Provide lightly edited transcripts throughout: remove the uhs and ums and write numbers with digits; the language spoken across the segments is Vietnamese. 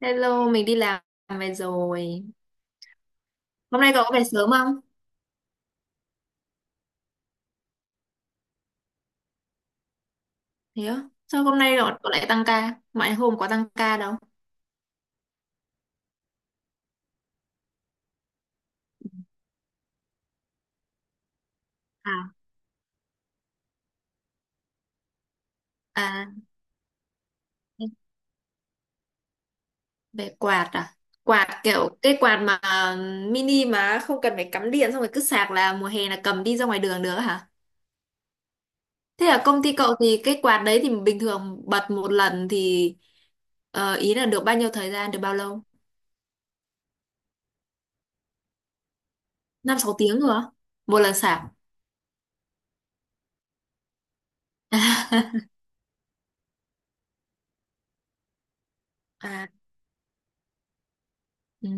Hello, mình đi làm về rồi. Hôm nay cậu có về sớm không? Thế á? Sao hôm nay cậu lại tăng ca? Mọi hôm có tăng ca đâu? À, à, về quạt à? Quạt kiểu cái quạt mà mini mà không cần phải cắm điện xong rồi cứ sạc là mùa hè là cầm đi ra ngoài đường được hả? Thế là công ty cậu thì cái quạt đấy thì bình thường bật một lần thì ý là được bao nhiêu thời gian, được bao lâu? Năm sáu tiếng rồi á? Một lần sạc. À, ừ.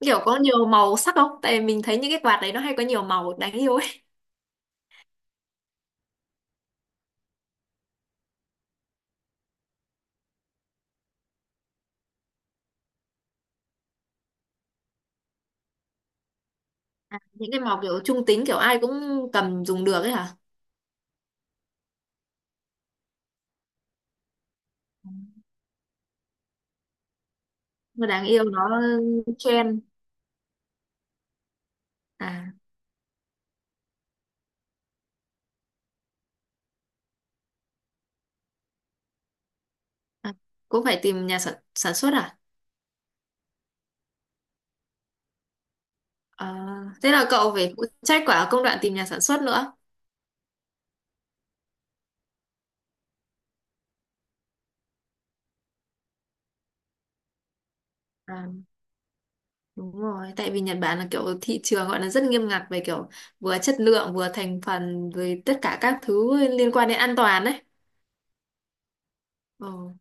Kiểu có nhiều màu sắc không, tại vì mình thấy những cái quạt đấy nó hay có nhiều màu đáng yêu ấy. À, những cái màu kiểu trung tính kiểu ai cũng cầm dùng được ấy hả? Mà đáng yêu nó trend. À, à, cũng phải tìm nhà sản xuất à? Ờ, thế là cậu phải phụ trách quả công đoạn tìm nhà sản xuất nữa. À, đúng rồi, tại vì Nhật Bản là kiểu thị trường gọi là rất nghiêm ngặt về kiểu vừa chất lượng vừa thành phần rồi tất cả các thứ liên quan đến an toàn. Đấy.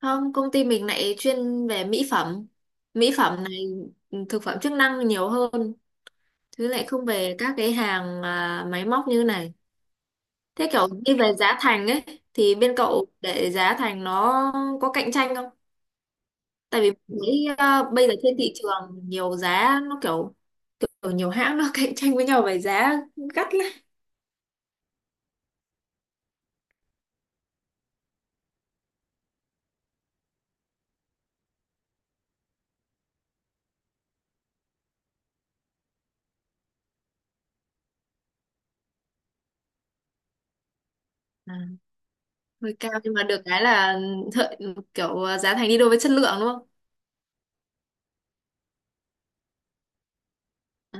Không, công ty mình lại chuyên về mỹ phẩm. Mỹ phẩm này, ừ, thực phẩm chức năng nhiều hơn, chứ lại không về các cái hàng à, máy móc như này. Thế kiểu đi về giá thành ấy thì bên cậu để giá thành nó có cạnh tranh không? Tại vì mình thấy à, bây giờ trên thị trường nhiều giá nó kiểu, kiểu nhiều hãng nó cạnh tranh với nhau về giá gắt lắm. À, hơi cao nhưng mà được cái là ừ, thợ, kiểu giá thành đi đôi với chất lượng đúng không? À,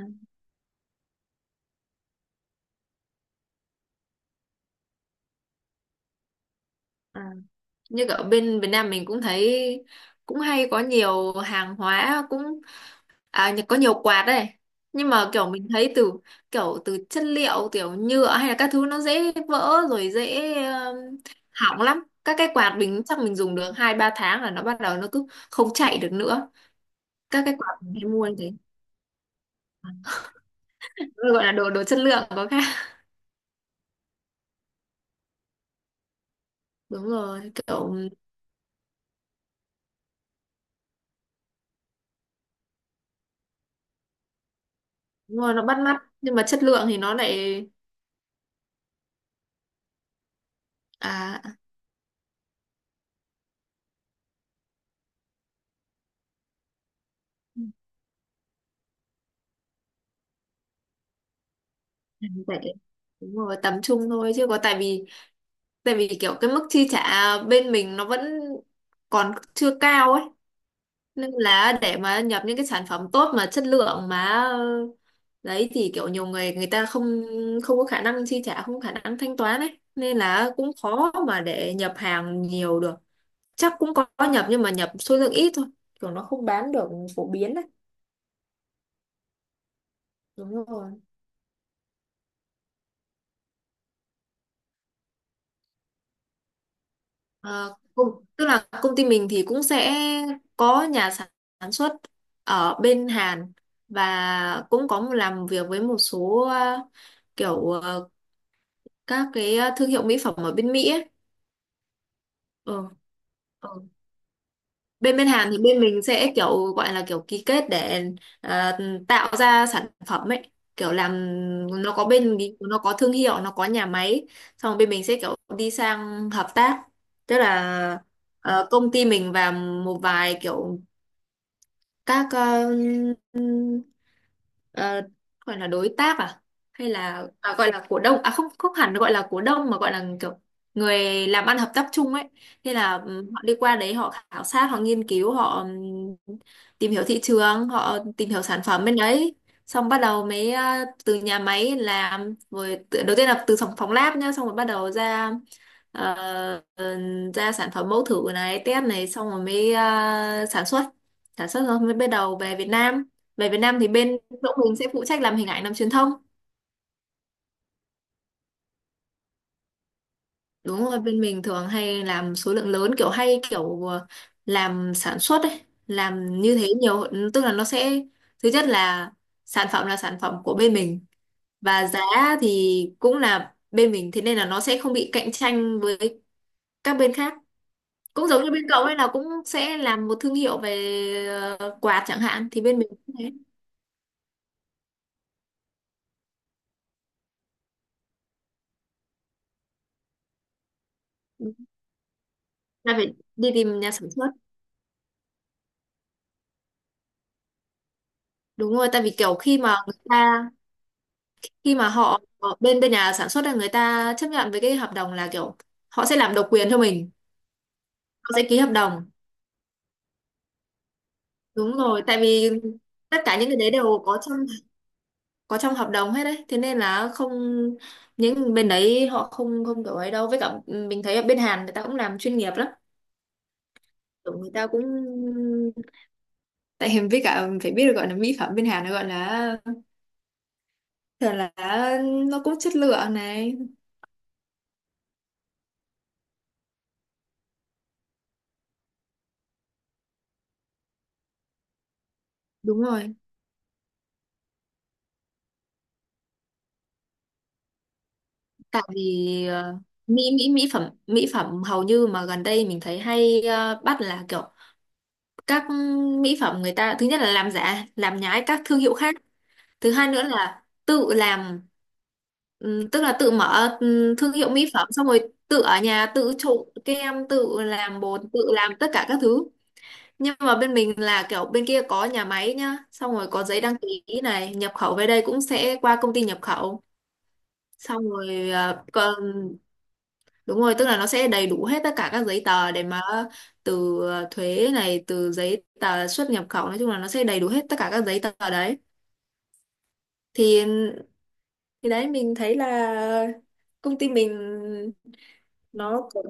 à, như ở bên Việt Nam mình cũng thấy cũng hay có nhiều hàng hóa cũng, à, có nhiều quạt đây, nhưng mà kiểu mình thấy từ kiểu từ chất liệu kiểu nhựa hay là các thứ nó dễ vỡ rồi dễ um, hỏng lắm. Các cái quạt mình chắc mình dùng được hai ba tháng là nó bắt đầu nó cứ không chạy được nữa, các cái quạt mình hay mua như thế. Nó gọi là đồ đồ chất lượng có khác. Đúng rồi, kiểu đúng rồi, nó bắt mắt nhưng mà chất lượng thì nó lại, à, lại đúng rồi, tầm trung thôi chứ có, tại vì, tại vì kiểu cái mức chi trả bên mình nó vẫn còn chưa cao ấy, nên là để mà nhập những cái sản phẩm tốt mà chất lượng mà, ờ, đấy thì kiểu nhiều người người ta không, không có khả năng chi trả, không có khả năng thanh toán ấy, nên là cũng khó mà để nhập hàng nhiều được. Chắc cũng có nhập nhưng mà nhập số lượng ít thôi, kiểu nó không bán được phổ biến đấy. Đúng rồi. Ờ, cũng- tức là công ty mình thì cũng sẽ có nhà sản xuất ở bên Hàn, và cũng có một- làm việc với một số kiểu các cái thương hiệu mỹ phẩm ở bên Mỹ ấy. Ừ. bên bên Hàn thì bên mình sẽ kiểu gọi là kiểu ký kết để ờ, tạo ra sản phẩm ấy, kiểu làm, nó có bên nó có thương hiệu, nó có nhà máy, xong rồi bên mình sẽ kiểu đi sang hợp tác. Tức là ờ, công ty mình và một vài kiểu các ờ, gọi là đối tác à, hay là à, gọi là cổ đông, à không, không hẳn gọi là cổ đông mà gọi là kiểu người làm ăn hợp tác chung ấy. Thế là họ đi qua đấy, họ khảo sát, họ nghiên cứu, họ tìm hiểu thị trường, họ tìm hiểu sản phẩm bên đấy, xong bắt đầu mới ờ, từ nhà máy làm rồi tự- đầu tiên là từ phòng phòng lab nhá, xong rồi bắt đầu ra ờ, ờ, ra sản phẩm mẫu thử này, test này, xong rồi mới sản xuất. Sản xuất rồi mới bắt đầu về Việt Nam. Về Việt Nam thì bên chỗ mình sẽ phụ trách làm hình ảnh, làm truyền thông. Đúng rồi, bên mình thường hay làm số lượng lớn, kiểu hay kiểu làm sản xuất ấy, làm như thế nhiều. Tức là nó sẽ, thứ nhất là sản phẩm của bên mình, và giá thì cũng là bên mình, thế nên là nó sẽ không bị cạnh tranh với các bên khác. Cũng giống như bên cậu ấy là cũng sẽ làm một thương hiệu về ờ, quạt chẳng hạn, thì bên mình cũng thế, là phải đi tìm nhà sản xuất. Đúng rồi, tại vì kiểu khi mà người ta, khi mà họ họ- bên bên nhà sản xuất là người ta chấp nhận với cái hợp đồng là kiểu họ sẽ làm độc quyền cho mình, họ sẽ ký hợp đồng. Đúng rồi, tại vì tất cả những cái đấy đều có trong, có trong hợp đồng hết đấy, thế nên là không, những bên đấy họ không, không kiểu ấy đâu. Với cả ừ, mình thấy ở bên Hàn người ta cũng làm chuyên nghiệp lắm. Kiểu người ta cũng tại hình với cả phải biết được, gọi là mỹ phẩm bên Hàn nó gọi là thường là nó cũng chất lượng này. Đúng rồi. Tại vì ờ, mỹ mỹ mỹ phẩm hầu như mà gần đây mình thấy hay ờ, bắt là kiểu các mỹ phẩm người ta thứ nhất là làm giả làm nhái các thương hiệu khác, thứ hai nữa là tự làm tức là tự mở thương hiệu mỹ phẩm xong rồi tự ở nhà tự trộn kem, tự làm bột, tự làm tất cả các thứ. Nhưng mà bên mình là kiểu bên kia có nhà máy nhá, xong rồi có giấy đăng ký này, nhập khẩu về đây cũng sẽ qua công ty nhập khẩu, xong rồi à, còn Đúng rồi, tức là nó sẽ đầy đủ hết tất cả các giấy tờ để mà, từ ờ, thuế này, từ giấy tờ xuất nhập khẩu, nói chung là nó sẽ đầy đủ hết tất cả các giấy tờ đấy. Thì thì đấy mình thấy là công ty mình nó có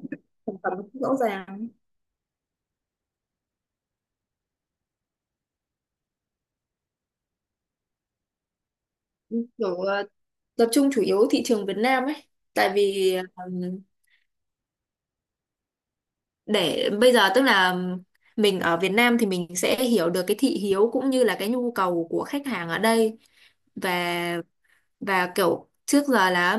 sản phẩm rõ ràng, kiểu ờ, tập trung chủ yếu thị trường Việt Nam ấy. Tại vì để bây giờ tức là mình ở Việt Nam thì mình sẽ hiểu được cái thị hiếu cũng như là cái nhu cầu của khách hàng ở đây, và và kiểu trước giờ là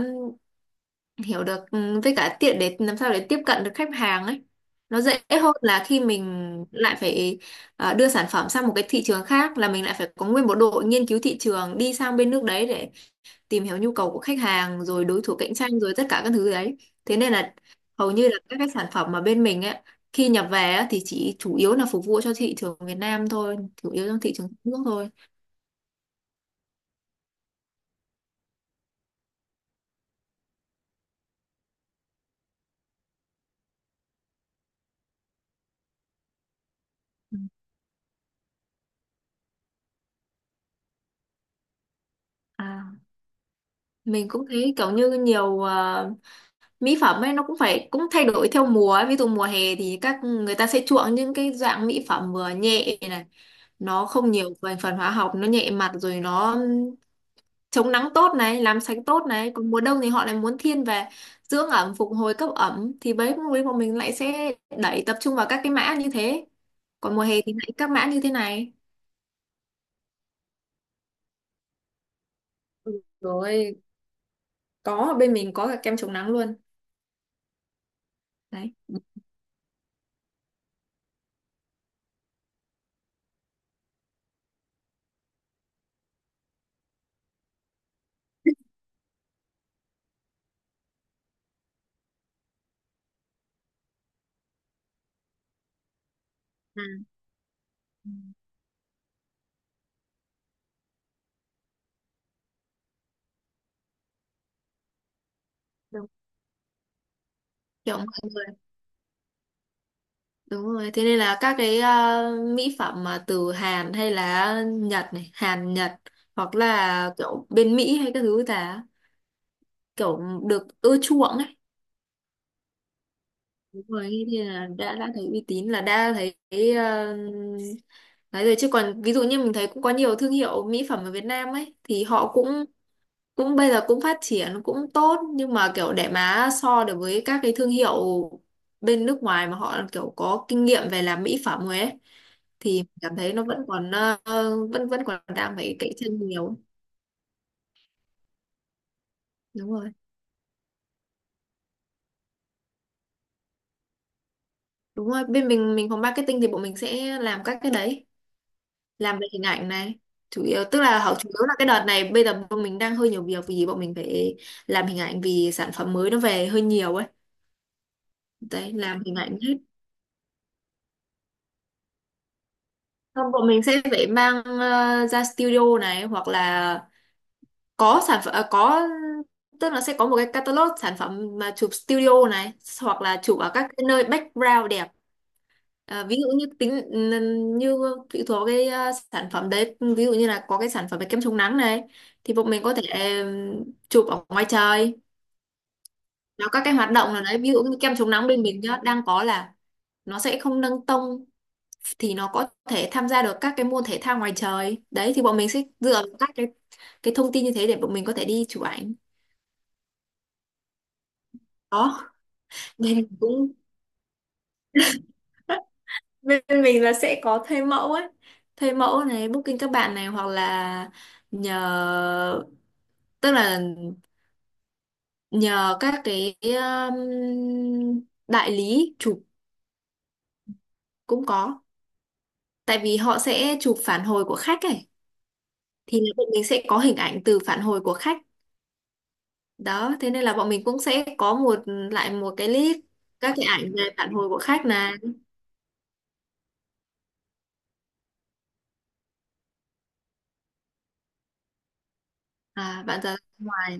hiểu được ừ, với cả tiện để làm sao để tiếp cận được khách hàng ấy, nó dễ hơn là khi mình lại phải ờ, đưa sản phẩm sang một cái thị trường khác, là mình lại phải có nguyên một đội nghiên cứu thị trường đi sang bên nước đấy để tìm hiểu nhu cầu của khách hàng rồi đối thủ cạnh tranh rồi tất cả các thứ đấy. Thế nên là hầu như là các cái sản phẩm mà bên mình ấy, khi nhập về á, thì chỉ chủ yếu là phục vụ cho thị trường Việt Nam thôi, chủ yếu trong thị trường trong nước thôi. Ừ. À, mình cũng thấy kiểu như nhiều ờ, mỹ phẩm ấy nó cũng phải cũng thay đổi theo mùa ấy. Ví dụ mùa hè thì các người ta sẽ chuộng những cái dạng mỹ phẩm vừa nhẹ này, nó không nhiều thành phần hóa học, nó nhẹ mặt rồi nó chống nắng tốt này, làm sạch tốt này, còn mùa đông thì họ lại muốn thiên về dưỡng ẩm, phục hồi, cấp ẩm, thì bấy lúc ấy bọn mình lại sẽ đẩy tập trung vào các cái mã như thế, còn mùa hè thì lại các mã như thế này. Ừ, rồi có, ở bên mình có cả kem chống nắng luôn đấy. Ừ. Đúng. Kiểu mọi Đúng rồi, thế nên là các cái ờ, mỹ phẩm mà từ Hàn hay là Nhật này, Hàn Nhật hoặc là kiểu bên Mỹ hay các thứ là kiểu được ưa chuộng ấy. Đúng rồi, thế nên là đã thấy uy tín là đã thấy ờ, nói rồi. Chứ còn ví dụ như mình thấy cũng có nhiều thương hiệu mỹ phẩm ở Việt Nam ấy thì họ cũng cũng bây giờ cũng phát triển cũng tốt, nhưng mà kiểu để mà so được với các cái thương hiệu bên nước ngoài mà họ kiểu có kinh nghiệm về làm mỹ phẩm rồi ấy, thì cảm thấy nó vẫn còn ờ, vẫn vẫn còn đang phải cạnh tranh nhiều. Đúng rồi. Đúng rồi, bên mình phòng marketing thì bọn mình sẽ làm các cái đấy, làm về hình ảnh này, chủ yếu, tức là họ chủ yếu là cái đợt này bây giờ bọn mình đang hơi nhiều việc vì bọn mình phải làm hình ảnh vì sản phẩm mới nó về hơi nhiều ấy, đấy làm hình ảnh hết. Không, bọn mình sẽ phải mang ờ, ra studio này, hoặc là có sản phẩm à, có tức là sẽ có một cái catalog sản phẩm mà chụp studio này, hoặc là chụp ở các cái nơi background đẹp. À, ví dụ như tính như phụ thuộc vào cái ờ, sản phẩm đấy, ví dụ như là có cái sản phẩm về kem chống nắng này thì bọn mình có thể ừm, chụp ở ngoài trời, nó các cái hoạt động nào đấy, ví dụ như kem chống nắng bên mình nhá đang có là nó sẽ không nâng tông, thì nó có thể tham gia được các cái môn thể thao ngoài trời đấy, thì bọn mình sẽ dựa vào các cái thông tin như thế để bọn mình có thể đi chụp ảnh. Đó. Nên cũng bên mình là sẽ có thuê mẫu ấy, thuê mẫu này, booking các bạn này, hoặc là nhờ, tức là nhờ các cái đại lý chụp. Cũng có, tại vì họ sẽ chụp phản hồi của khách ấy, thì bọn mình sẽ có hình ảnh từ phản hồi của khách. Đó, thế nên là bọn mình cũng sẽ có một, lại một cái list các cái ảnh về phản hồi của khách này. À bạn ra ngoài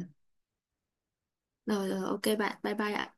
rồi, rồi ok bạn, bye bye ạ.